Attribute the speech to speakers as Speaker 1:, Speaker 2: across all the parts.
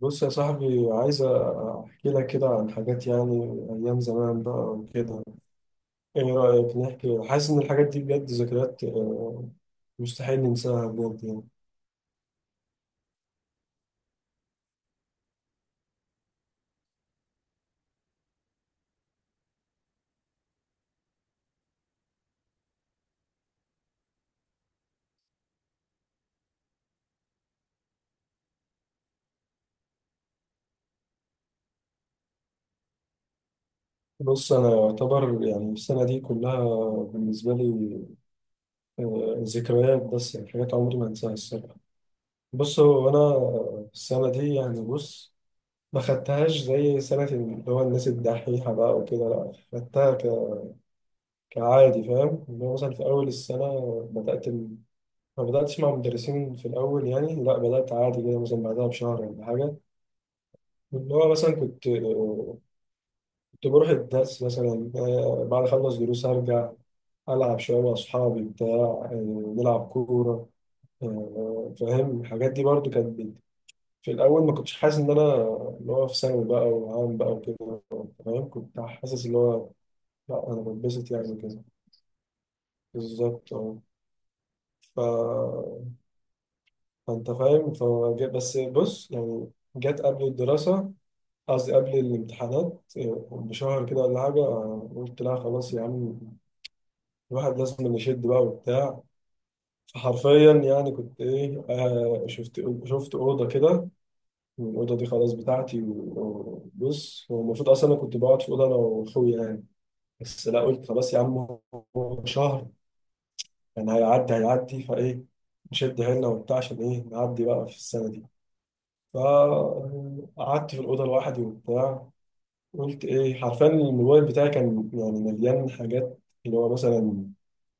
Speaker 1: بص يا صاحبي، عايز احكي لك كده عن حاجات يعني ايام زمان بقى وكده. ايه رايك نحكي؟ حاسس ان الحاجات دي بجد ذكريات، مستحيل ننساها بجد يعني. بص انا يعتبر يعني السنه دي كلها بالنسبه لي، ذكريات، بس يعني حاجات عمري ما انساها الصراحه. بص، هو انا السنه دي يعني، بص، ما خدتهاش زي سنه اللي هو الناس الدحيحه بقى وكده، لا خدتها كعادي. فاهم؟ اللي هو مثلا في اول السنه بدات ما بدأتش مع مدرسين في الأول يعني، لا بدأت عادي كده مثلا بعدها بشهر ولا حاجة. اللي هو مثلا كنت، بروح الدرس مثلا، بعد أخلص دروس أرجع ألعب شوية مع أصحابي بتاع، نلعب كورة، فاهم؟ الحاجات دي برضو كانت في الأول ما كنتش حاسس إن أنا اللي هو في ثانوي بقى وعام بقى وكده. فاهم؟ كنت حاسس اللي هو لا أنا بتبسط يعني كده، بالظبط أه. ف... فأنت فاهم، بس بص يعني، جت قبل الدراسة، قصدي قبل الامتحانات، بشهر كده ولا حاجة، قلت لا، خلاص يا عم، الواحد لازم نشد بقى وبتاع. فحرفيا يعني كنت ايه، شفت اوضه كده، والاوضه دي خلاص بتاعتي. وبص، هو المفروض اصلا انا كنت بقعد في اوضه انا واخويا يعني، بس لا، قلت خلاص يا عم، هو شهر يعني، هيعدي هيعدي فايه، نشد حيلنا وبتاع عشان ايه نعدي بقى في السنه دي. فقعدت في الاوضه لوحدي وبتاع. قلت ايه، حرفيا الموبايل بتاعي كان يعني مليان حاجات، اللي هو مثلا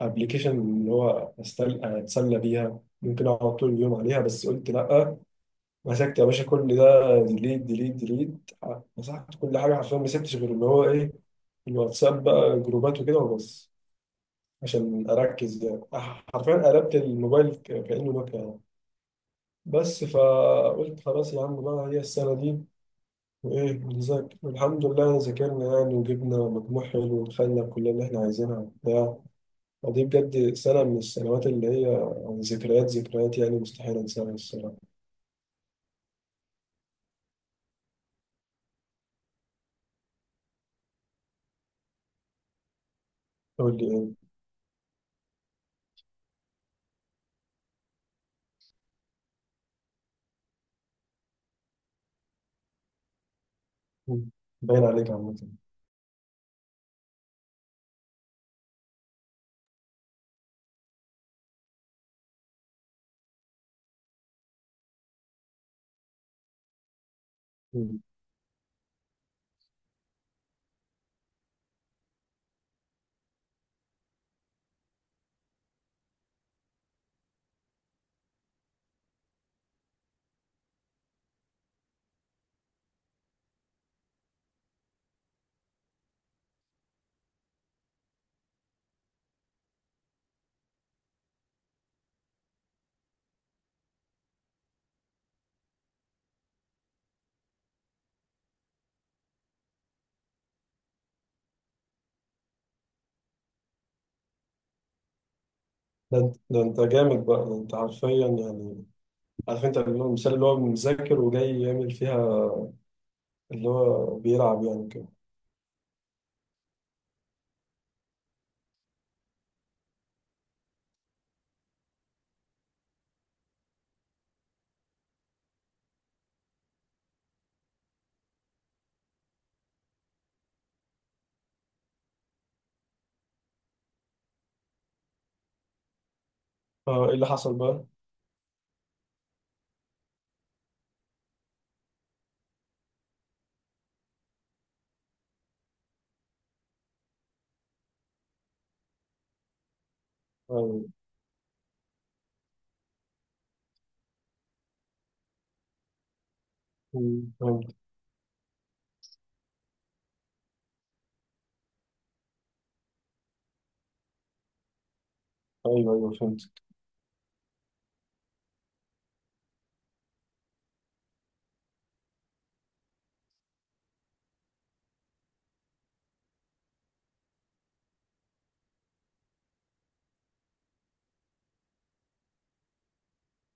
Speaker 1: ابلكيشن اللي هو اتسلى بيها، ممكن اقعد طول اليوم عليها، بس قلت لا. مسكت يا باشا كل ده، ديليت ديليت ديليت، مسحت كل حاجه حرفيا، ما سبتش غير اللي هو ايه، الواتساب بقى، جروبات وكده وبس، عشان اركز يعني. حرفيا قلبت الموبايل كانه نوكيا يعني. بس، فقلت خلاص يا عم بقى، هي السنه دي ايه بالظبط؟ الحمد لله إن ذاكرنا يعني وجبنا مجموع حلو ودخلنا الكلية اللي احنا عايزينها وبتاع. ودي بجد سنة من السنوات اللي هي يعني ذكريات ذكريات، يعني مستحيل انساها الصراحة. قول لي ايه. مم. باين عليك عامة. مم. ده انت، جامد بقى، ده انت حرفيا يعني، عارف انت اللي هو المثال اللي هو مذاكر وجاي يعمل فيها اللي هو بيلعب يعني كده. اه، ايه اللي حصل بقى؟ ايوه. مم. فهمت. ايوه ايوه، فهمت.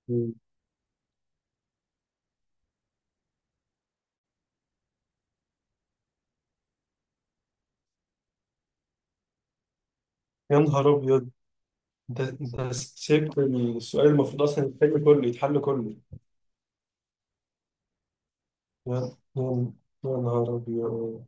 Speaker 1: مم. يا نهار ابيض، ده سبت السؤال المفروض اصلا يتحل كله، يتحل كله. يا يا- يا نهار ابيض.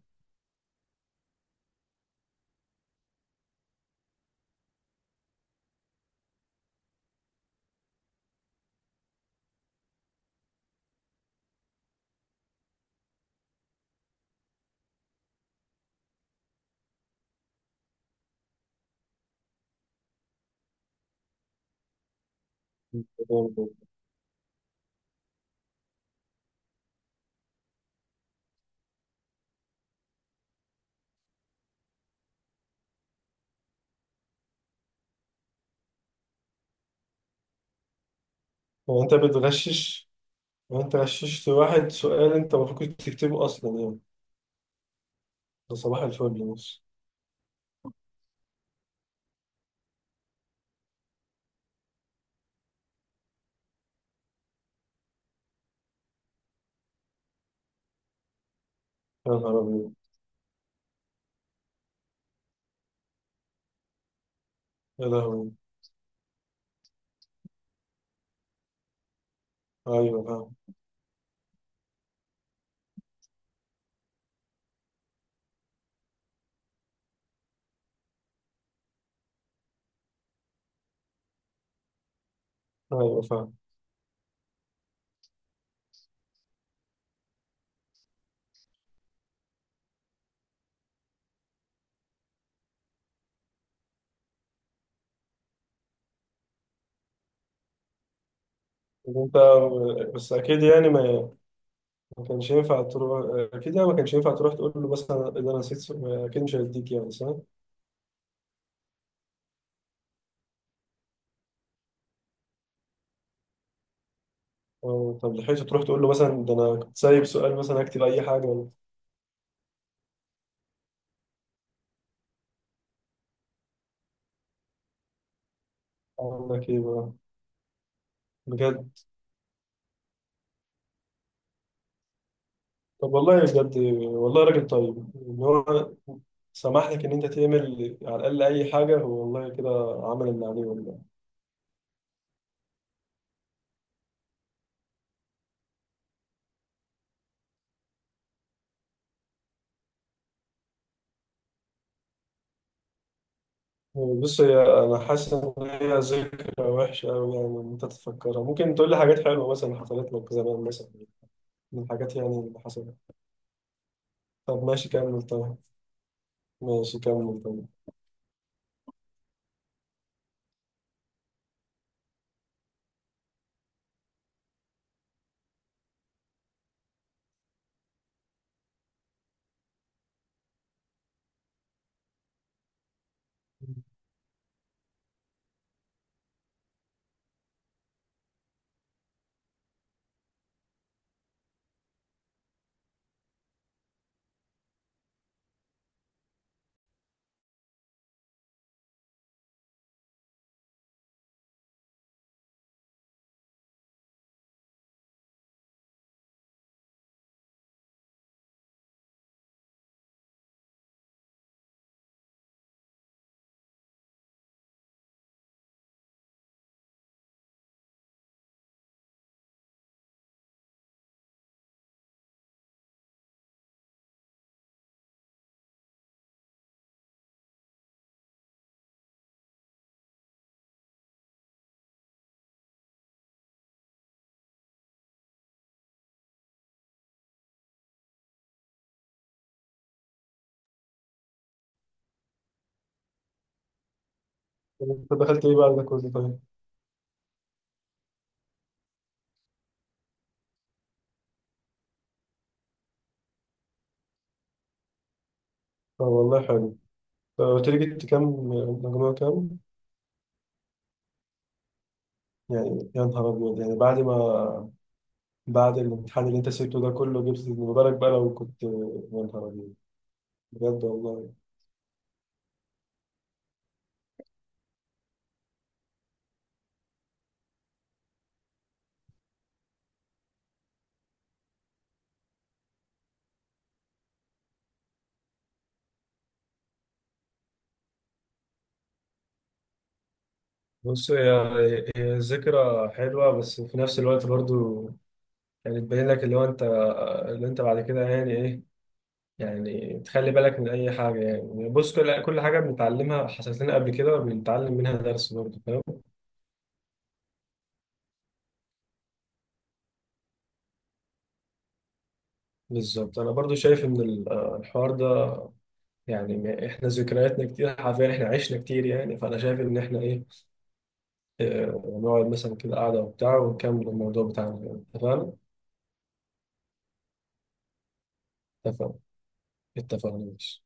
Speaker 1: هو انت بتغشش؟ هو انت غششت واحد سؤال انت المفروض كنت تكتبه اصلا يعني؟ ده صباح الفل بص. يا نهار ابيض. يا لهوي. ايوه فاهم. ايوه فاهم. طب انت، بس اكيد يعني ما كانش ينفع تروح، اكيد يعني ما كانش ينفع تروح تقول له مثلا ده انا نسيت سؤال. اكيد مش هيديك يعني، صح؟ أو طب لحقت تروح تقول له مثلا ده انا كنت سايب سؤال مثلا اكتب اي حاجه؟ أقول لك إيه بقى؟ بجد؟ طب والله بجد، والله راجل طيب إن هو سمح لك إن أنت تعمل على الأقل أي حاجة. هو والله كده عمل اللي عليه والله. بص، هي أنا حاسس إن هي ذكرى وحشة أوي يعني إن أنت تفكرها. ممكن تقول لي حاجات حلوة مثلا حصلت لك زمان مثلا، من الحاجات يعني اللي حصلت؟ طب ماشي كمل طيب. ماشي كمل طيب. طب أنت دخلت إيه بعد ده كله طيب؟ طب والله حلو. طب قلت لي جبت كام؟ مجموع كام؟ يعني يا نهار أبيض يعني، بعد ما بعد الامتحان اللي انت سبته ده كله، جبت. ما بالك بقى لو كنت، يا نهار أبيض. بجد والله. بص، هي ذكرى حلوة بس في نفس الوقت برضو، يعني تبين لك اللي هو انت، اللي انت بعد كده يعني ايه، يعني تخلي بالك من اي حاجة يعني. بص كل حاجة بنتعلمها حصلت لنا قبل كده بنتعلم منها درس برضو، فاهم؟ بالظبط. انا برضو شايف ان الحوار ده يعني، احنا ذكرياتنا كتير حرفيا، احنا عشنا كتير يعني، فانا شايف ان احنا ايه، نقعد مثلا كده قعدة وبتاع ونكمل الموضوع بتاعنا، اتفقنا؟ اتفقنا اتفقنا ماشي.